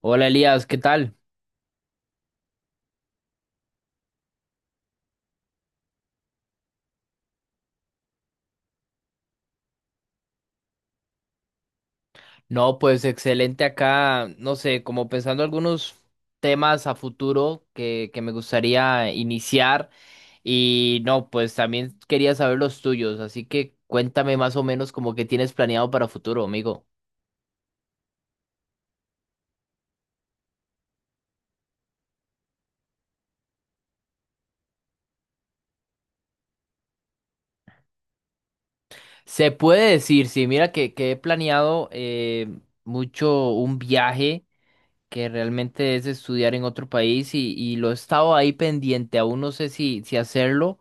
Hola Elías, ¿qué tal? No, pues excelente acá, no sé, como pensando algunos temas a futuro que me gustaría iniciar y no, pues también quería saber los tuyos, así que cuéntame más o menos como que tienes planeado para futuro, amigo. Se puede decir, sí, mira que he planeado mucho un viaje que realmente es estudiar en otro país y lo he estado ahí pendiente, aún no sé si hacerlo.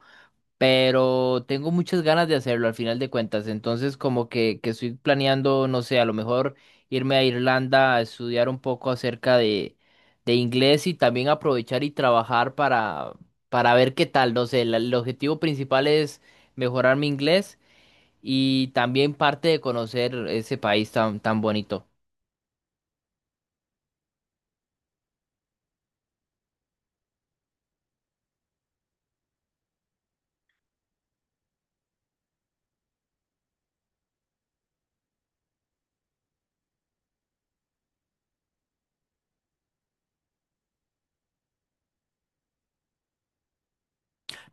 Pero tengo muchas ganas de hacerlo al final de cuentas. Entonces, como que estoy planeando, no sé, a lo mejor irme a Irlanda a estudiar un poco acerca de inglés y también aprovechar y trabajar para ver qué tal. No sé, el objetivo principal es mejorar mi inglés y también parte de conocer ese país tan bonito.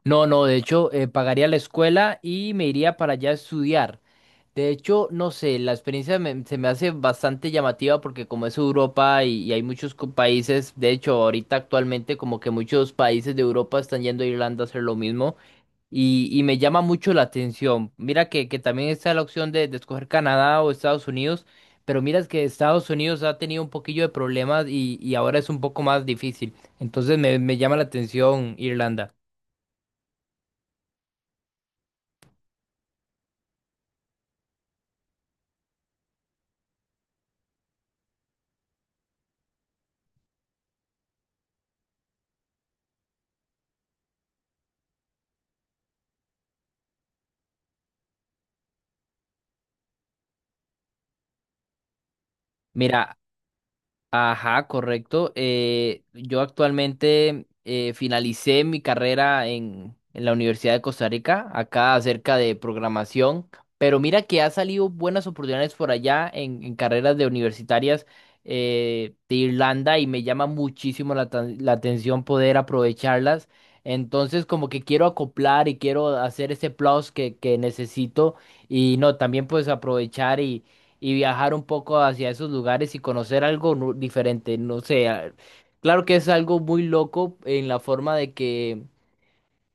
No, no, de hecho, pagaría la escuela y me iría para allá a estudiar. De hecho, no sé, la experiencia se me hace bastante llamativa porque como es Europa y hay muchos países, de hecho, ahorita actualmente como que muchos países de Europa están yendo a Irlanda a hacer lo mismo y me llama mucho la atención. Mira que también está la opción de escoger Canadá o Estados Unidos, pero mira que Estados Unidos ha tenido un poquillo de problemas y ahora es un poco más difícil. Entonces me llama la atención Irlanda. Mira, ajá, correcto. Yo actualmente finalicé mi carrera en la Universidad de Costa Rica, acá acerca de programación, pero mira que ha salido buenas oportunidades por allá en carreras de universitarias de Irlanda y me llama muchísimo la atención poder aprovecharlas. Entonces como que quiero acoplar y quiero hacer ese plus que necesito y no, también pues aprovechar y viajar un poco hacia esos lugares y conocer algo diferente. No sé, claro que es algo muy loco en la forma de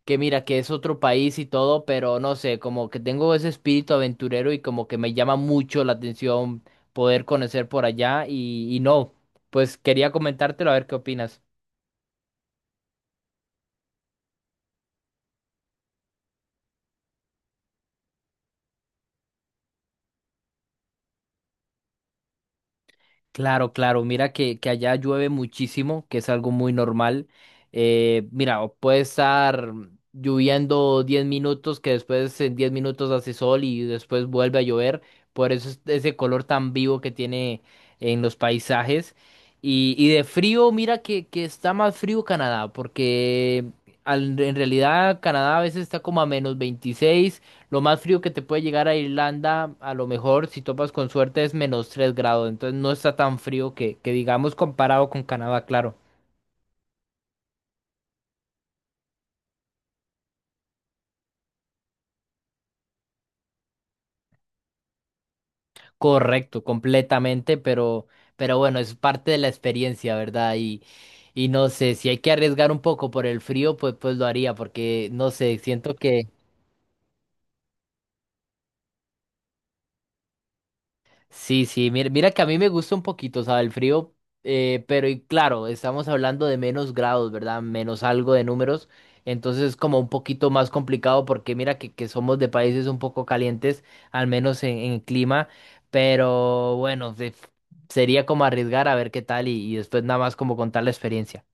que mira, que es otro país y todo, pero no sé, como que tengo ese espíritu aventurero y como que me llama mucho la atención poder conocer por allá y no, pues quería comentártelo a ver qué opinas. Claro, claro. Mira que allá llueve muchísimo, que es algo muy normal. Mira, o puede estar lloviendo 10 minutos, que después en 10 minutos hace sol y después vuelve a llover. Por eso es ese color tan vivo que tiene en los paisajes. Y de frío, mira que está más frío Canadá, porque en realidad Canadá a veces está como a -26. Lo más frío que te puede llegar a Irlanda, a lo mejor si topas con suerte, es -3 grados. Entonces no está tan frío que digamos comparado con Canadá, claro. Correcto, completamente, pero bueno, es parte de la experiencia, ¿verdad? Y no sé, si hay que arriesgar un poco por el frío, pues, pues lo haría, porque no sé, siento. Sí, sí, mira que a mí me gusta un poquito, o sea, el frío, pero y claro, estamos hablando de menos grados, ¿verdad? Menos algo de números, entonces es como un poquito más complicado porque mira que somos de países un poco calientes, al menos en clima, pero bueno, sería como arriesgar a ver qué tal y después nada más como contar la experiencia.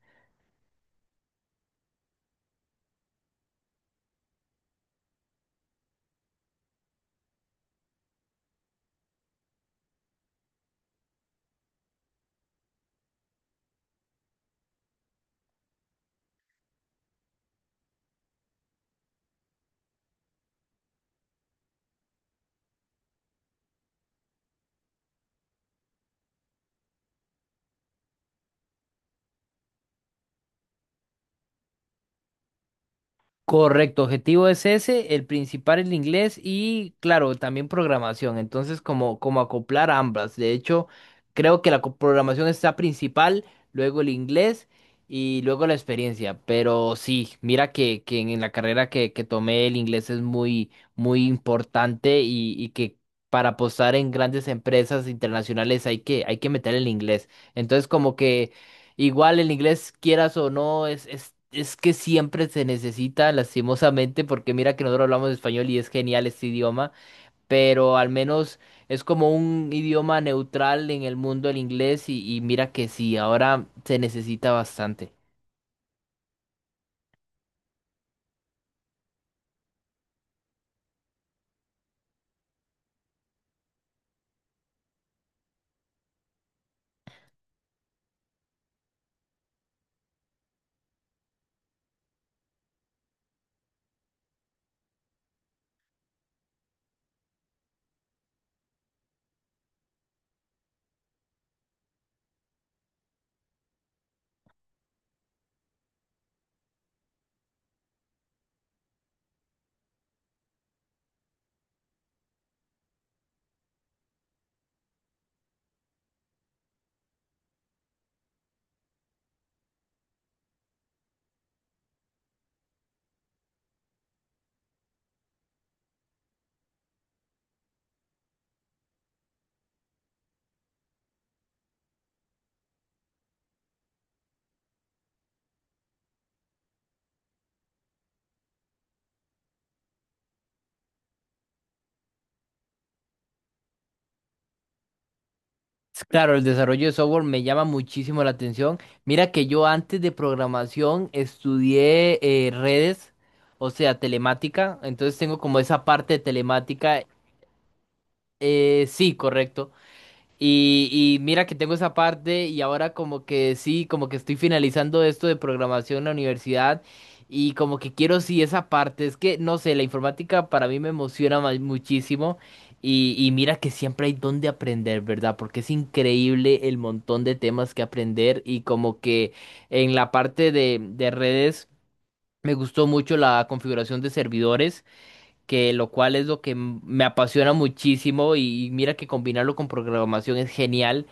Correcto, objetivo es ese, el principal el inglés y claro, también programación. Entonces, como, como acoplar ambas. De hecho, creo que la programación está principal, luego el inglés y luego la experiencia. Pero sí, mira que en la carrera que tomé el inglés es muy, muy importante y que para apostar en grandes empresas internacionales hay que meter el inglés. Entonces, como que... Igual el inglés, quieras o no, es que siempre se necesita, lastimosamente, porque mira que nosotros hablamos español y es genial este idioma, pero al menos es como un idioma neutral en el mundo el inglés y mira que sí, ahora se necesita bastante. Es claro, el desarrollo de software me llama muchísimo la atención. Mira que yo antes de programación estudié redes, o sea, telemática, entonces tengo como esa parte de telemática. Eh, sí, correcto. Y mira que tengo esa parte y ahora como que sí, como que estoy finalizando esto de programación en la universidad y como que quiero sí esa parte. Es que, no sé, la informática para mí me emociona muchísimo y mira que siempre hay donde aprender, ¿verdad? Porque es increíble el montón de temas que aprender y como que en la parte de redes me gustó mucho la configuración de servidores que lo cual es lo que me apasiona muchísimo y mira que combinarlo con programación es genial.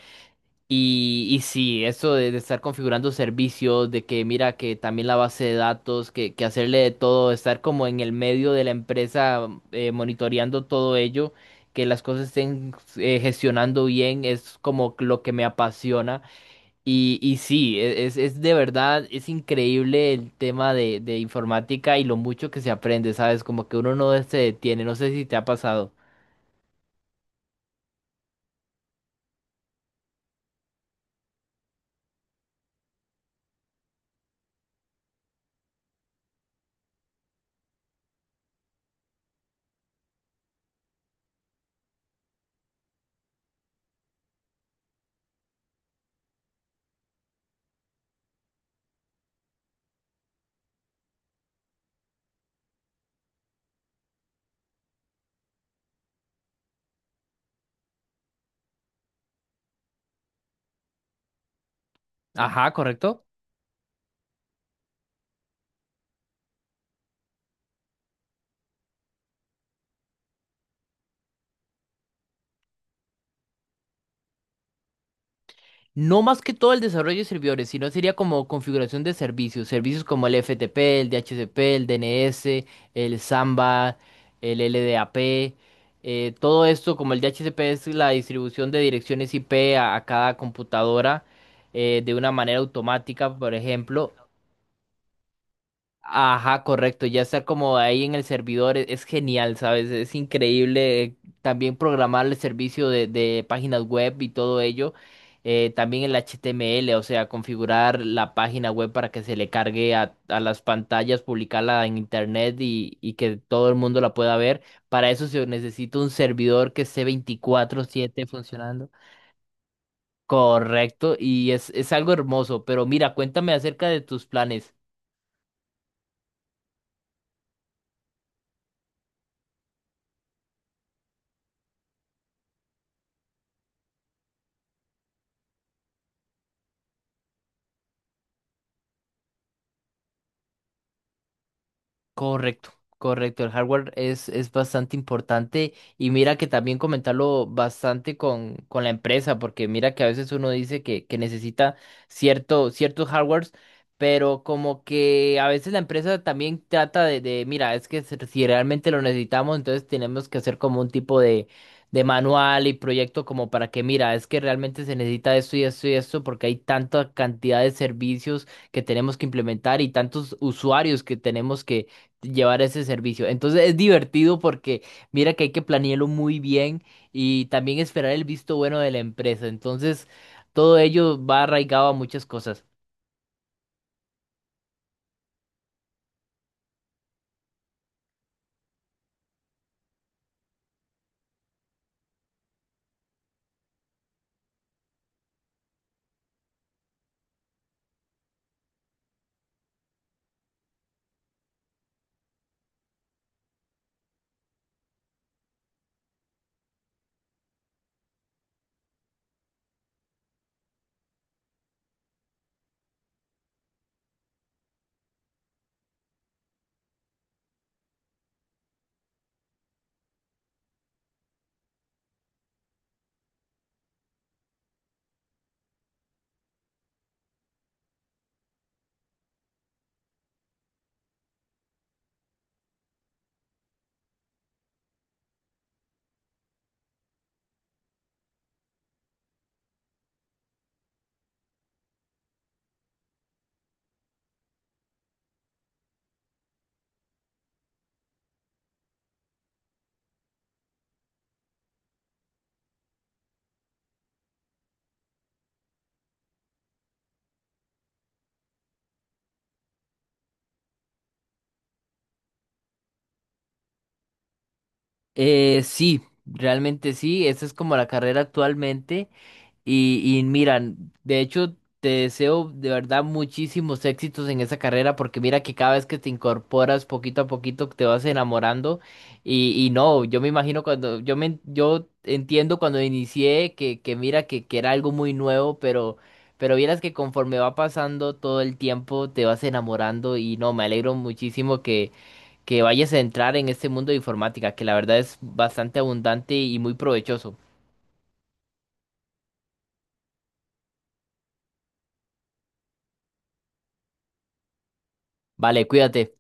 Y sí, eso de estar configurando servicios, de que mira que también la base de datos, que hacerle de todo, estar como en el medio de la empresa monitoreando todo ello, que las cosas estén gestionando bien, es como lo que me apasiona. Y sí, es de verdad, es increíble el tema de informática y lo mucho que se aprende, ¿sabes? Como que uno no se detiene, no sé si te ha pasado. Ajá, correcto. No más que todo el desarrollo de servidores, sino sería como configuración de servicios, servicios como el FTP, el DHCP, el DNS, el Samba, el LDAP, todo esto como el DHCP es la distribución de direcciones IP a cada computadora de una manera automática, por ejemplo. Ajá, correcto, ya estar como ahí en el servidor es, genial, ¿sabes? Es increíble, también programar el servicio de páginas web y todo ello, también el HTML, o sea, configurar la página web para que se le cargue a las pantallas, publicarla en internet y que todo el mundo la pueda ver. Para eso se necesita un servidor que esté 24/7 funcionando. Correcto, y es algo hermoso, pero mira, cuéntame acerca de tus planes. Correcto, correcto. El hardware es bastante importante y mira que también comentarlo bastante con la empresa, porque mira que a veces uno dice que necesita ciertos hardwares, pero como que a veces la empresa también trata de, mira, es que si realmente lo necesitamos, entonces tenemos que hacer como un tipo de manual y proyecto como para que, mira, es que realmente se necesita esto y esto y esto, porque hay tanta cantidad de servicios que tenemos que implementar y tantos usuarios que tenemos llevar ese servicio. Entonces es divertido porque mira que hay que planearlo muy bien y también esperar el visto bueno de la empresa. Entonces todo ello va arraigado a muchas cosas. Sí, realmente sí, esa es como la carrera actualmente. Y mira, de hecho, te deseo de verdad muchísimos éxitos en esa carrera porque mira que cada vez que te incorporas poquito a poquito te vas enamorando y no, yo me imagino cuando, yo me, yo entiendo cuando inicié que mira que era algo muy nuevo, pero vieras que conforme va pasando todo el tiempo te vas enamorando y no, me alegro muchísimo que vayas a entrar en este mundo de informática que la verdad es bastante abundante y muy provechoso. Vale, cuídate.